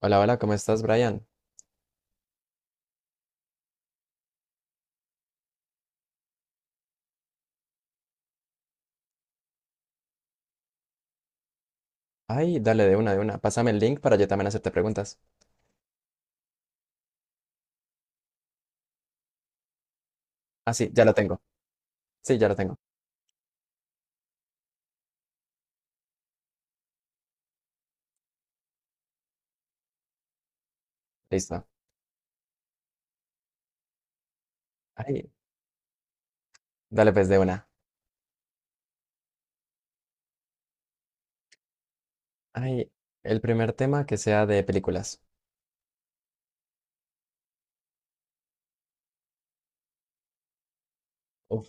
Hola, hola, ¿cómo estás, Brian? Ay, dale de una, de una. Pásame el link para yo también hacerte preguntas. Ah, sí, ya lo tengo. Sí, ya lo tengo. Listo. Ay, dale pues de una. Ay, el primer tema que sea de películas. Uf.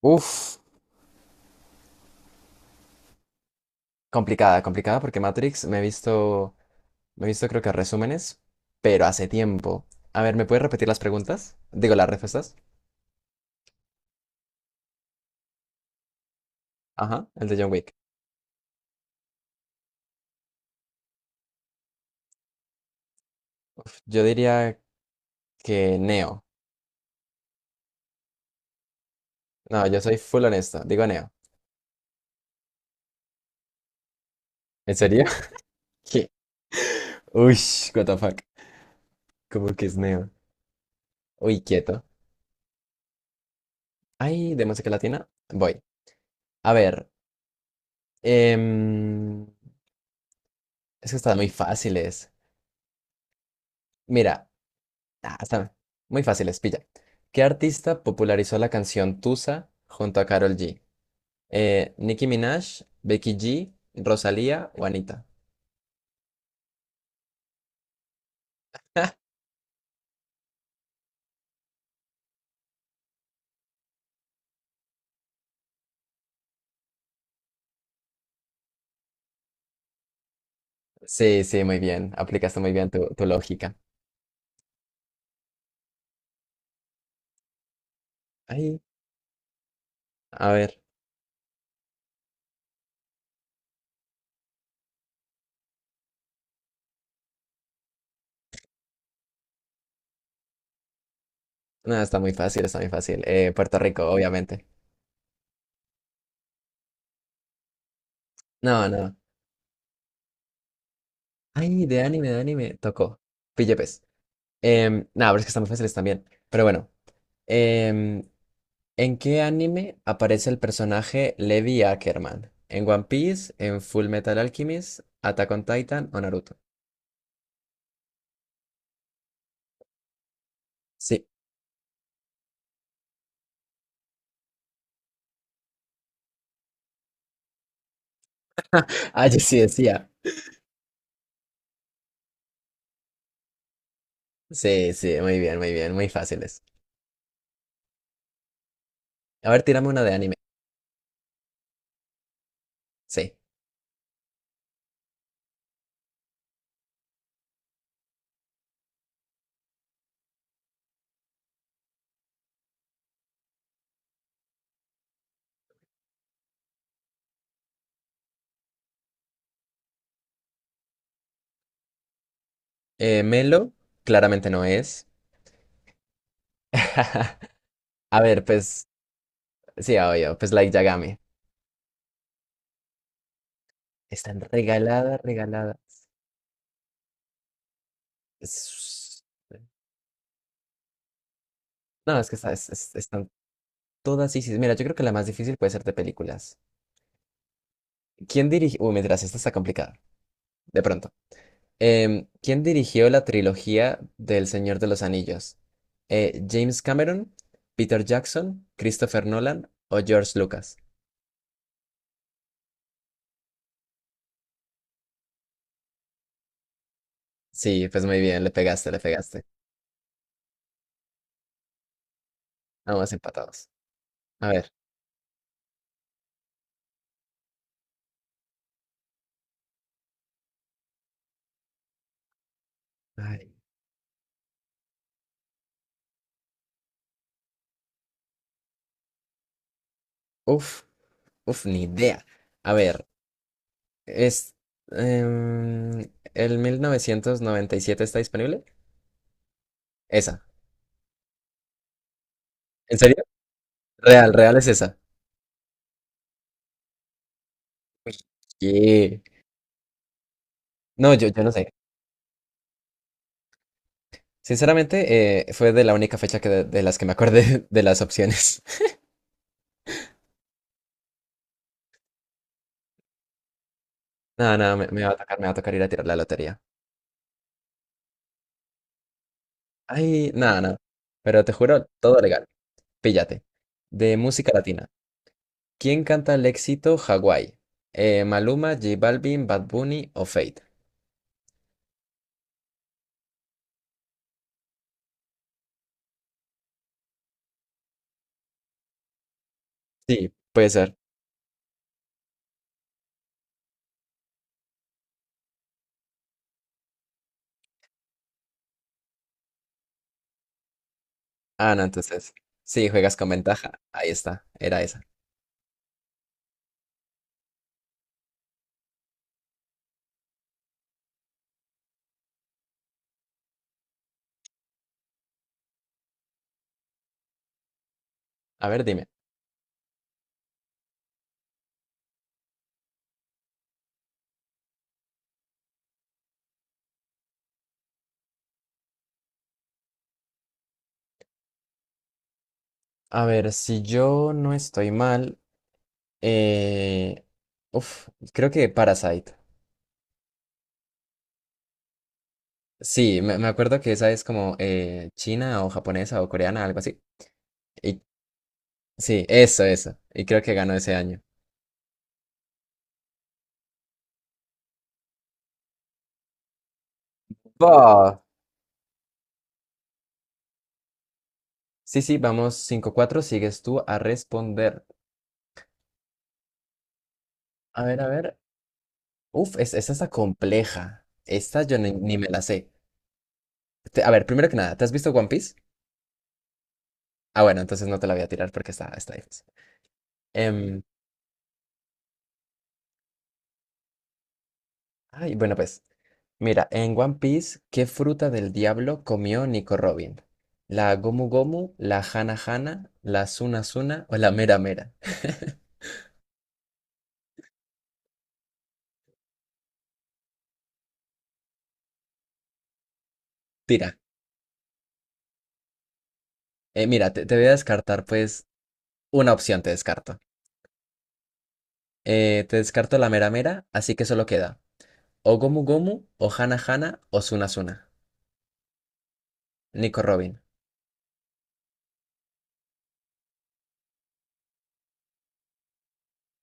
Uf, complicada, complicada porque Matrix me he visto creo que resúmenes, pero hace tiempo. A ver, ¿me puedes repetir las preguntas? Digo, las respuestas. Ajá, el de John Wick. Uf, yo diría que Neo. No, yo soy full honesto. Digo Neo. ¿En serio? Sí. Uy, what the fuck. Como que es neo. Uy, quieto. Ay, de música latina. Voy. A ver. em, es que están muy fáciles. Mira, están muy fáciles, pilla. ¿Qué artista popularizó la canción Tusa junto a Karol G? ¿Nicki Minaj, Becky G, Rosalía o Anita? Sí, sí, muy bien. Aplicaste muy bien tu lógica. Ay, a ver. No, está muy fácil, está muy fácil. Puerto Rico, obviamente. No, no. Ay, de anime, de anime. Tocó. Pille, pues. Nada, pero es que están muy fáciles también. Pero bueno, em, ¿en qué anime aparece el personaje Levi Ackerman? ¿En One Piece? ¿En Full Metal Alchemist? ¿Attack on Titan o Naruto? Sí. Ah, yo sí decía. Sí, sí, muy bien, muy bien, muy fáciles. A ver, tirame una de anime. Sí. Melo, claramente no es. A ver, pues, sí, obvio, pues Light Yagami. Están regalada, regalada. Es- No, es que está, están todas, sí, sí. Mira, yo creo que la más difícil puede ser de películas. ¿Quién dirigió? Uy, mientras esta está complicada. De pronto. ¿Quién dirigió la trilogía del Señor de los Anillos? ¿James Cameron, Peter Jackson, Christopher Nolan o George Lucas? Sí, pues muy bien, le pegaste, le pegaste. Vamos empatados. A ver. Ay, uf, uf, ni idea. A ver, es. em, ¿el 1997 está disponible? Esa. ¿En serio? Real, real es esa. Pues, sí. No, yo no sé. Sinceramente, fue de la única fecha que de las que me acordé de las opciones. Nada, nada, me va a tocar, me va a tocar ir a tirar la lotería. Ay, nada, nada. Pero te juro, todo legal. Píllate. De música latina. ¿Quién canta el éxito Hawái? Maluma, J Balvin, Bad Bunny o Fate. Sí, puede ser. Ah, no, entonces. Sí, juegas con ventaja. Ahí está, era esa. A ver, dime. A ver, si yo no estoy mal. Eh, uf, Creo que Parasite. Sí, me acuerdo que esa es como china o japonesa o coreana, algo así. Y, sí, eso, eso. Y creo que ganó ese año. Va. Sí, sí, vamos 5-4. Sigues tú a responder. A ver, a ver. Uf, esta está compleja. Esta yo ni me la sé. A ver, primero que nada, ¿te has visto One Piece? Ah, bueno, entonces no te la voy a tirar porque está difícil. Em, Ay, bueno, pues, mira, en One Piece, ¿qué fruta del diablo comió Nico Robin? ¿La Gomu Gomu, la Hana Hana, la Suna Suna o la Mera Mera? Tira, mira, te voy a descartar, pues, una opción te descarto. Te descarto la Mera Mera, así que solo queda o Gomu Gomu, o Hana Hana, o Suna Suna. Nico Robin,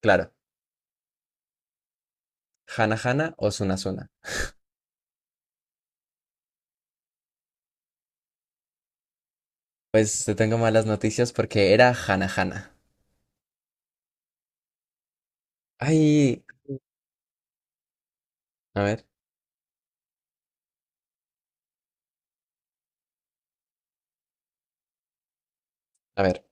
claro, Hana Hana o Suna Suna. Pues te tengo malas noticias porque era Hana Hana. Ay, a ver, a ver,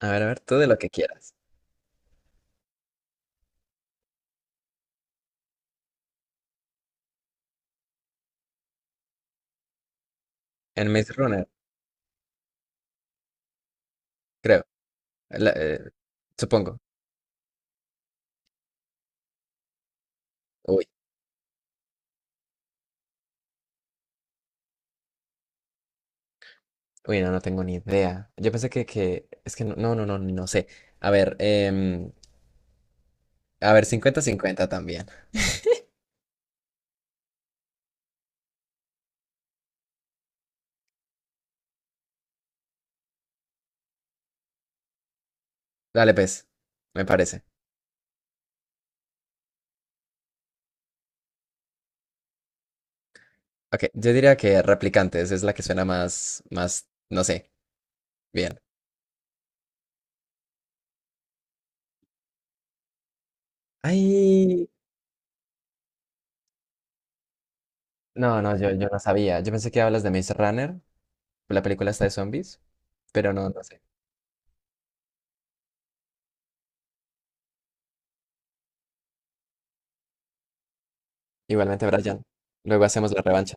a ver, a ver, tú de lo que quieras. En Maze Runner, creo. La- eh, Supongo. Uy, uy, no, no tengo ni idea. Yo pensé que, es que no, no, no, no, no sé. A ver, em, a ver, 50-50 también. Dale, pues, me parece. Ok, yo diría que Replicantes es la que suena más, más, no sé, bien. Ay, no, no, yo no sabía. Yo pensé que hablas de Maze Runner, la película está de zombies, pero no, no sé. Igualmente, Brian, luego hacemos la revancha.